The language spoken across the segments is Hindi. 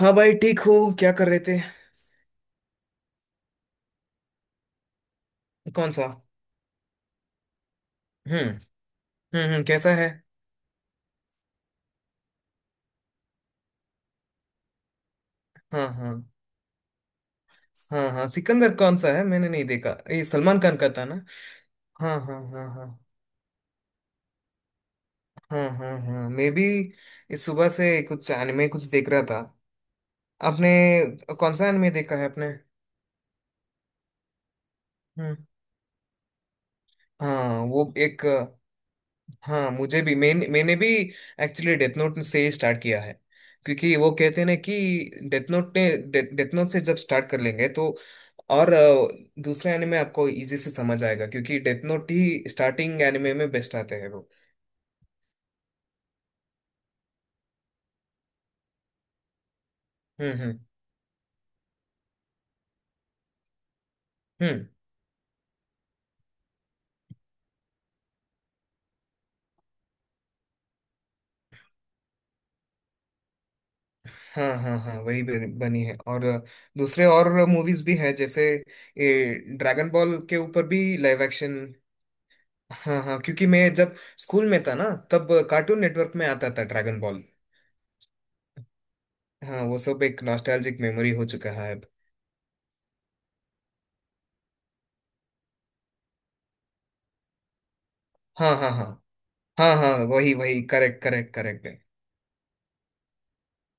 हाँ भाई, ठीक हो। क्या कर रहे थे? कौन सा? हम्म। हम्म, कैसा है? हाँ, हाँ, हाँ, हाँ। सिकंदर कौन सा है? मैंने नहीं देखा, ये सलमान खान का था ना? हाँ, हाँ, हाँ, हाँ, हाँ, हाँ, हाँ, मैं भी इस सुबह से कुछ एनिमे कुछ देख रहा था। आपने कौन सा एनिमे देखा है आपने? हम्म। हाँ, वो एक। हाँ, मुझे भी। मैंने मैंने भी एक्चुअली डेथ नोट से ही स्टार्ट किया है, क्योंकि वो कहते हैं ना कि डेथ नोट ने, डेथ नोट से जब स्टार्ट कर लेंगे तो और दूसरे एनिमे आपको इजी से समझ आएगा, क्योंकि डेथ नोट ही स्टार्टिंग एनिमे में बेस्ट आते हैं वो। हम्म, हम्म, हम्म। हाँ, हाँ, हाँ, बनी है, और दूसरे और मूवीज भी हैं, जैसे ये ड्रैगन बॉल के ऊपर भी लाइव एक्शन। हाँ, हाँ, क्योंकि मैं जब स्कूल में था ना, तब कार्टून नेटवर्क में आता था ड्रैगन बॉल। हाँ, वो सब एक नॉस्टैल्जिक मेमोरी हो चुका है अब। हाँ, हाँ, हाँ, हाँ, हाँ, वही वही, करेक्ट करेक्ट करेक्ट है।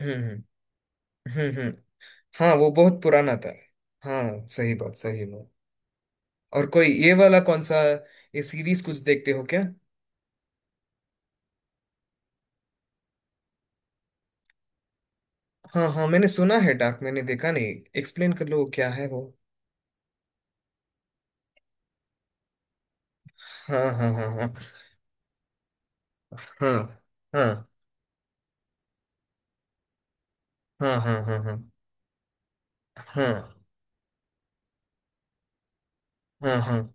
हम्म, हम्म, हम्म, हम्म। हाँ, वो बहुत पुराना था। हाँ, सही बात, सही बात। और कोई ये वाला कौन सा ये सीरीज कुछ देखते हो क्या? हाँ, हाँ, मैंने सुना है डार्क, मैंने देखा नहीं। एक्सप्लेन कर लो क्या है वो? हाँ, हाँ, हाँ, हाँ, हाँ, हाँ, हाँ, हाँ, हाँ, हाँ, हाँ, हाँ, हाँ, हाँ,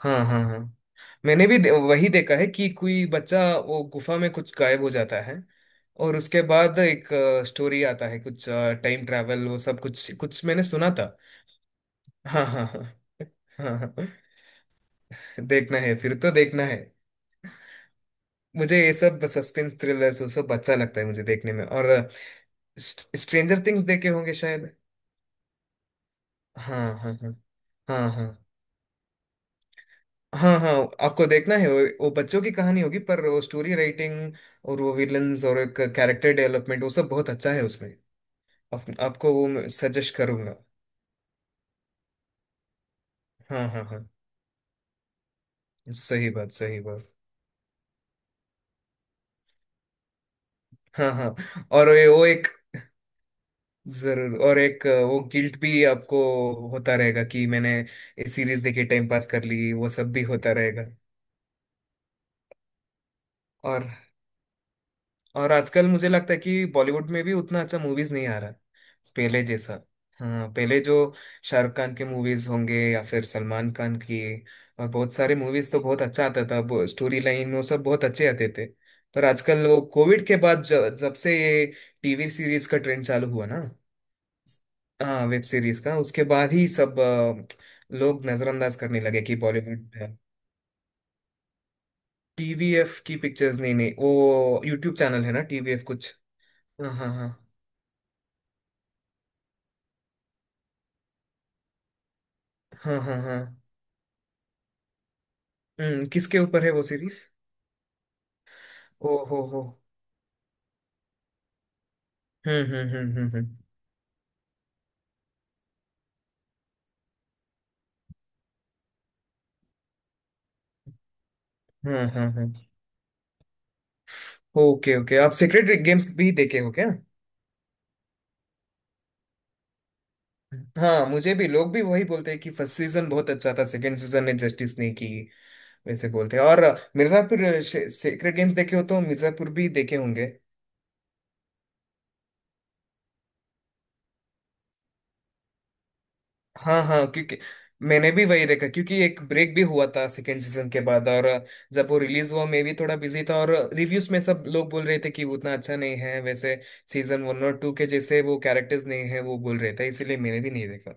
हाँ, हाँ, हाँ, वही देखा है कि कोई बच्चा वो गुफा में कुछ गायब हो जाता है, और उसके बाद एक स्टोरी आता है कुछ, टाइम ट्रैवल वो सब कुछ कुछ मैंने सुना था। हाँ, हाँ, हाँ, हाँ, हाँ, हाँ। देखना है फिर, तो देखना है। मुझे ये सब सस्पेंस थ्रिलर्स वो सब अच्छा लगता है मुझे देखने में, और स्ट्रेंजर थिंग्स देखे होंगे शायद? हाँ, हाँ, हाँ, हाँ, हाँ, हाँ, हाँ। आपको देखना है वो बच्चों की कहानी होगी, पर वो स्टोरी राइटिंग और वो विलन्स और एक कैरेक्टर डेवलपमेंट वो सब बहुत अच्छा है उसमें। आपको वो सजेस्ट करूंगा। हाँ, हाँ, हाँ, सही बात, सही बात। हाँ, हाँ, और ये वो एक जरूर, और एक वो गिल्ट भी आपको होता रहेगा कि मैंने ये सीरीज देखी, टाइम पास कर ली, वो सब भी होता रहेगा। और और आजकल मुझे लगता है कि बॉलीवुड में भी उतना अच्छा मूवीज नहीं आ रहा पहले जैसा। हाँ, पहले जो शाहरुख खान के मूवीज होंगे या फिर सलमान खान की और बहुत सारे मूवीज तो बहुत अच्छा आता था, वो स्टोरी लाइन वो सब बहुत अच्छे आते थे। पर आजकल वो कोविड के बाद, जब से ये टीवी सीरीज का ट्रेंड चालू हुआ ना। हाँ, वेब सीरीज का, उसके बाद ही सब लोग नजरअंदाज करने लगे कि बॉलीवुड है। टीवीएफ की पिक्चर्स? नहीं नहीं, वो यूट्यूब चैनल है ना टीवीएफ कुछ। हाँ, हाँ, हाँ, हाँ, हाँ, हाँ। हम्म, किसके ऊपर है वो सीरीज? ओ हो हो। हम्म, हम्म, हम्म, हम्म, हम्म, हम्म, हम्म, ओके, ओके, आप सीक्रेट गेम्स भी देखे हो क्या? हाँ, मुझे भी, लोग भी वही बोलते हैं कि फर्स्ट सीजन बहुत अच्छा था, सेकंड सीजन ने जस्टिस नहीं की, वैसे बोलते हैं। और मिर्जापुर सीक्रेट गेम्स देखे हो तो मिर्जापुर भी देखे होंगे। हाँ, हाँ, क्योंकि मैंने भी वही देखा क्योंकि एक ब्रेक भी हुआ था सेकंड सीजन के बाद, और जब वो रिलीज हुआ मैं भी थोड़ा बिजी था और रिव्यूज में सब लोग बोल रहे थे कि वो उतना अच्छा नहीं है, वैसे सीजन वन और टू के जैसे वो कैरेक्टर्स नहीं है वो बोल रहे थे, इसीलिए मैंने भी नहीं देखा।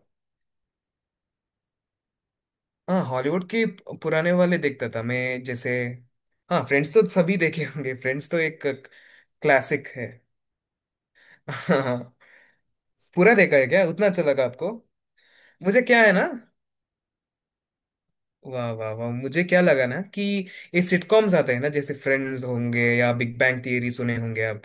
हाँ, हॉलीवुड के पुराने वाले देखता था मैं, जैसे हाँ फ्रेंड्स तो सभी देखे होंगे, फ्रेंड्स तो एक क्लासिक है। हाँ। पूरा देखा है क्या? उतना अच्छा लगा आपको? मुझे क्या है ना, वाह वाह वाह, मुझे क्या लगा ना कि ये सिटकॉम्स आते हैं ना, जैसे फ्रेंड्स होंगे या बिग बैंग थियरी, सुने होंगे आप।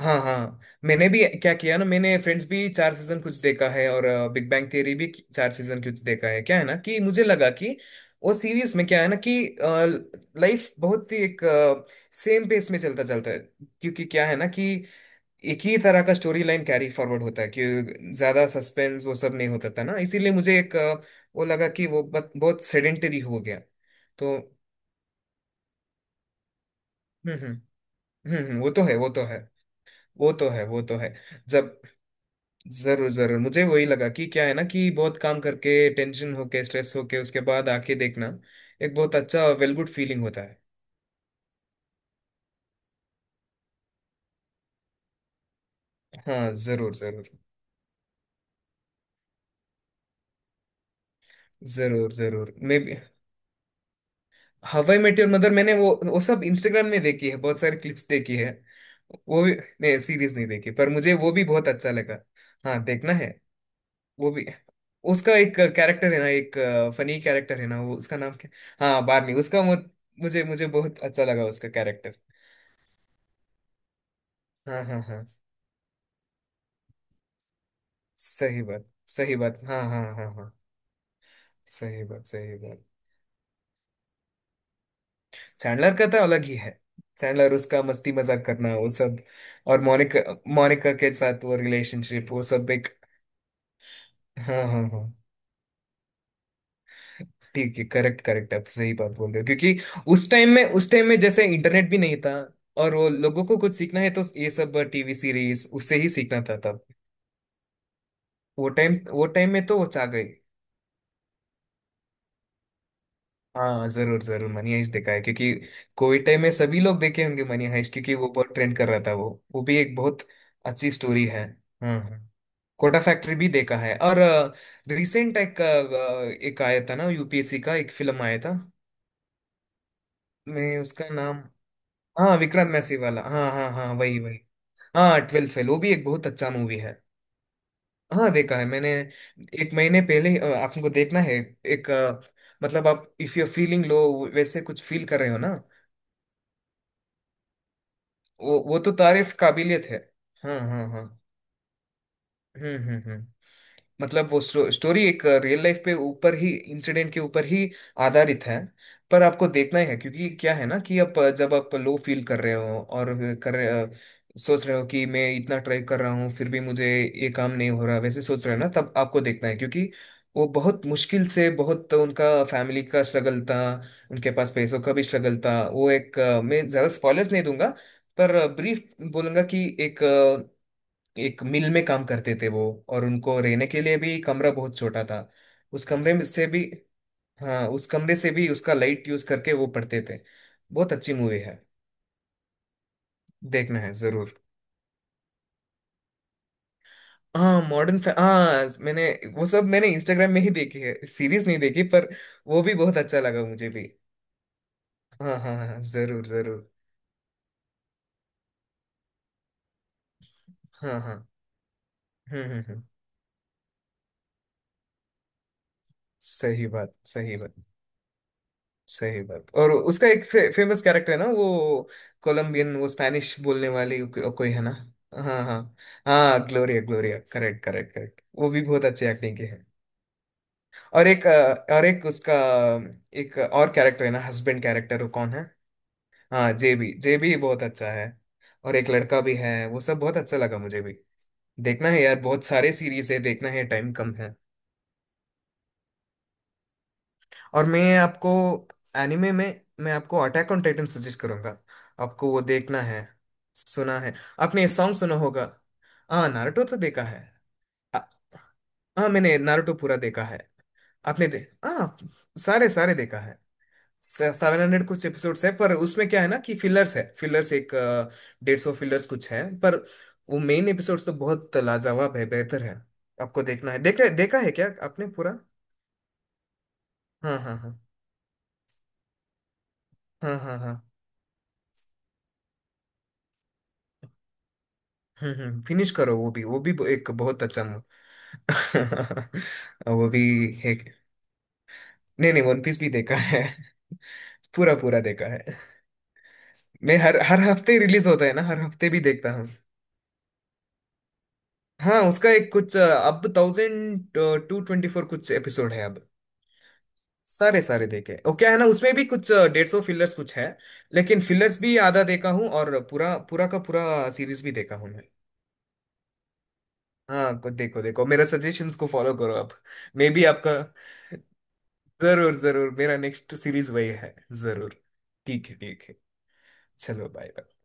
हाँ, हाँ, मैंने भी क्या किया ना, मैंने फ्रेंड्स भी 4 सीजन कुछ देखा है, और बिग बैंग थियरी भी 4 सीजन कुछ देखा है। क्या है ना कि मुझे लगा कि वो सीरीज में क्या है ना कि लाइफ बहुत ही एक सेम पेस में चलता चलता है, क्योंकि क्या है ना कि एक ही तरह का स्टोरी लाइन कैरी फॉरवर्ड होता है कि ज्यादा सस्पेंस वो सब नहीं होता था ना, इसीलिए मुझे एक वो लगा कि वो बहुत सेडेंटरी हो गया तो। हम्म, हम्म, हम्म, वो तो है, वो तो है, वो तो है, वो तो है। जब जरूर जरूर मुझे वही लगा कि क्या है ना कि बहुत काम करके, टेंशन होके, स्ट्रेस होके उसके बाद आके देखना एक बहुत अच्छा, वेल गुड फीलिंग होता है। हाँ, जरूर, जरूर, जरूर, जरूर, मैं भी। हवाई मेट योर मदर, मैंने वो, सब इंस्टाग्राम में देखी है, बहुत सारी क्लिप्स देखी है वो भी। नहीं, सीरीज नहीं देखी पर मुझे वो भी बहुत अच्छा लगा। हाँ, देखना है वो भी। उसका एक कैरेक्टर है ना, एक फनी कैरेक्टर है ना वो, उसका नाम क्या? हाँ, बार्नी, मुझे मुझे बहुत अच्छा लगा उसका कैरेक्टर। हाँ, हाँ, हाँ, सही बात, सही बात, हाँ, हाँ, हाँ, हाँ, सही बात, सही बात। चैंडलर का तो अलग ही है, चैंडलर उसका मस्ती मजाक करना वो सब। और मोनिका, मोनिका के साथ वो रिलेशनशिप वो सब एक। हाँ, हाँ, हाँ, ठीक है, करेक्ट करेक्ट, आप सही बात बोल रहे हो क्योंकि उस टाइम में, उस टाइम में जैसे इंटरनेट भी नहीं था और वो लोगों को कुछ सीखना है तो ये सब टीवी सीरीज उससे ही सीखना था तब। वो टाइम, वो टाइम में तो वो छा गई। हाँ, जरूर जरूर, मनी हाइस्ट देखा है, क्योंकि कोविड टाइम में सभी लोग देखे होंगे मनी हाइस्ट, क्योंकि वो बहुत ट्रेंड कर रहा था वो। वो भी एक बहुत अच्छी स्टोरी है। हाँ, हाँ, कोटा फैक्ट्री भी देखा है। और रिसेंट एक एक आया था ना यूपीएससी का एक फिल्म आया था, मैं उसका नाम, हाँ विक्रांत मैसी वाला, हाँ, हाँ, हाँ, वही वही। हाँ, ट्वेल्थ फेल, वो भी एक बहुत अच्छा मूवी है। हाँ, देखा है मैंने एक महीने पहले ही। आपको देखना है एक मतलब आप इफ यू फीलिंग लो, वैसे कुछ फील कर रहे हो ना। वो तो तारीफ काबिलियत है। हाँ, हाँ, हाँ। हम्म, हम्म, हम्म। मतलब वो स्टोरी एक रियल लाइफ पे ऊपर ही इंसिडेंट के ऊपर ही आधारित है। पर आपको देखना ही है, क्योंकि क्या है ना कि आप जब आप लो फील कर रहे हो और सोच रहे हो कि मैं इतना ट्राई कर रहा हूँ फिर भी मुझे ये काम नहीं हो रहा, वैसे सोच रहे हो ना, तब आपको देखना है, क्योंकि वो बहुत मुश्किल से, बहुत उनका फैमिली का स्ट्रगल था, उनके पास पैसों का भी स्ट्रगल था। वो एक मैं ज़्यादा स्पॉयलर्स नहीं दूंगा, पर ब्रीफ बोलूंगा कि एक, एक मिल में काम करते थे वो, और उनको रहने के लिए भी कमरा बहुत छोटा था। उस कमरे में से भी, हाँ, उस कमरे से भी उसका लाइट यूज करके वो पढ़ते थे। बहुत अच्छी मूवी है, देखना है जरूर। हाँ, मॉडर्न, हाँ मैंने वो सब मैंने इंस्टाग्राम में ही देखी है, सीरीज नहीं देखी पर वो भी बहुत अच्छा लगा मुझे भी। हाँ, हाँ, हाँ, जरूर, जरूर। हाँ, हाँ। हम्म, हम्म, हम्म, सही बात, सही बात, सही बात। और उसका एक फेमस कैरेक्टर है ना वो कोलंबियन, वो स्पैनिश बोलने वाली कोई है ना। हाँ, हाँ, हाँ, Gloria, Gloria, correct correct correct, वो भी बहुत अच्छी एक्टिंग की है। और एक और एक उसका एक और कैरेक्टर है ना, हस्बैंड कैरेक्टर, वो कौन है? हाँ, जेबी, जेबी बहुत अच्छा है, और एक लड़का भी है, वो सब बहुत अच्छा लगा मुझे भी। देखना है यार, बहुत सारे सीरीज है, देखना है, टाइम कम है। और मैं आपको एनिमे में, मैं आपको अटैक ऑन टाइटन सजेस्ट करूंगा। आपको वो देखना है, सुना है, आपने ये सॉन्ग सुना होगा। हाँ, नारुतो तो देखा है। आ- हाँ, मैंने नारुतो पूरा देखा है। आपने दे, हाँ सारे सारे देखा है। 700 कुछ एपिसोड्स है, पर उसमें क्या है ना कि फिलर्स है, फिलर्स एक 150 फिलर्स कुछ है, पर वो मेन एपिसोड्स तो बहुत लाजवाब है, बेहतर है। आपको देखना है, देखा, देखा है क्या आपने पूरा? हाँ, हाँ, हाँ, हाँ, हाँ, हाँ। हम्म, हम्म, फिनिश करो, वो भी, वो भी एक बहुत अच्छा मूव। वो भी एक, नहीं नहीं, वन पीस भी देखा है। पूरा पूरा देखा है। मैं हर हर हफ्ते रिलीज होता है ना, हर हफ्ते भी देखता हूँ। हाँ, उसका एक कुछ अब 1000 224 कुछ एपिसोड है अब। सारे सारे देखे, ओ क्या है ना, उसमें भी कुछ 150 फिलर्स कुछ है, लेकिन फिलर्स भी आधा देखा हूँ, और पूरा पूरा का पूरा सीरीज भी देखा हूँ मैं। हाँ, कुछ देखो देखो, मेरा सजेशंस को फॉलो करो आप। मे बी आपका जरूर, जरूर, मेरा नेक्स्ट सीरीज वही है, जरूर। ठीक है, ठीक है। चलो, बाय बाय।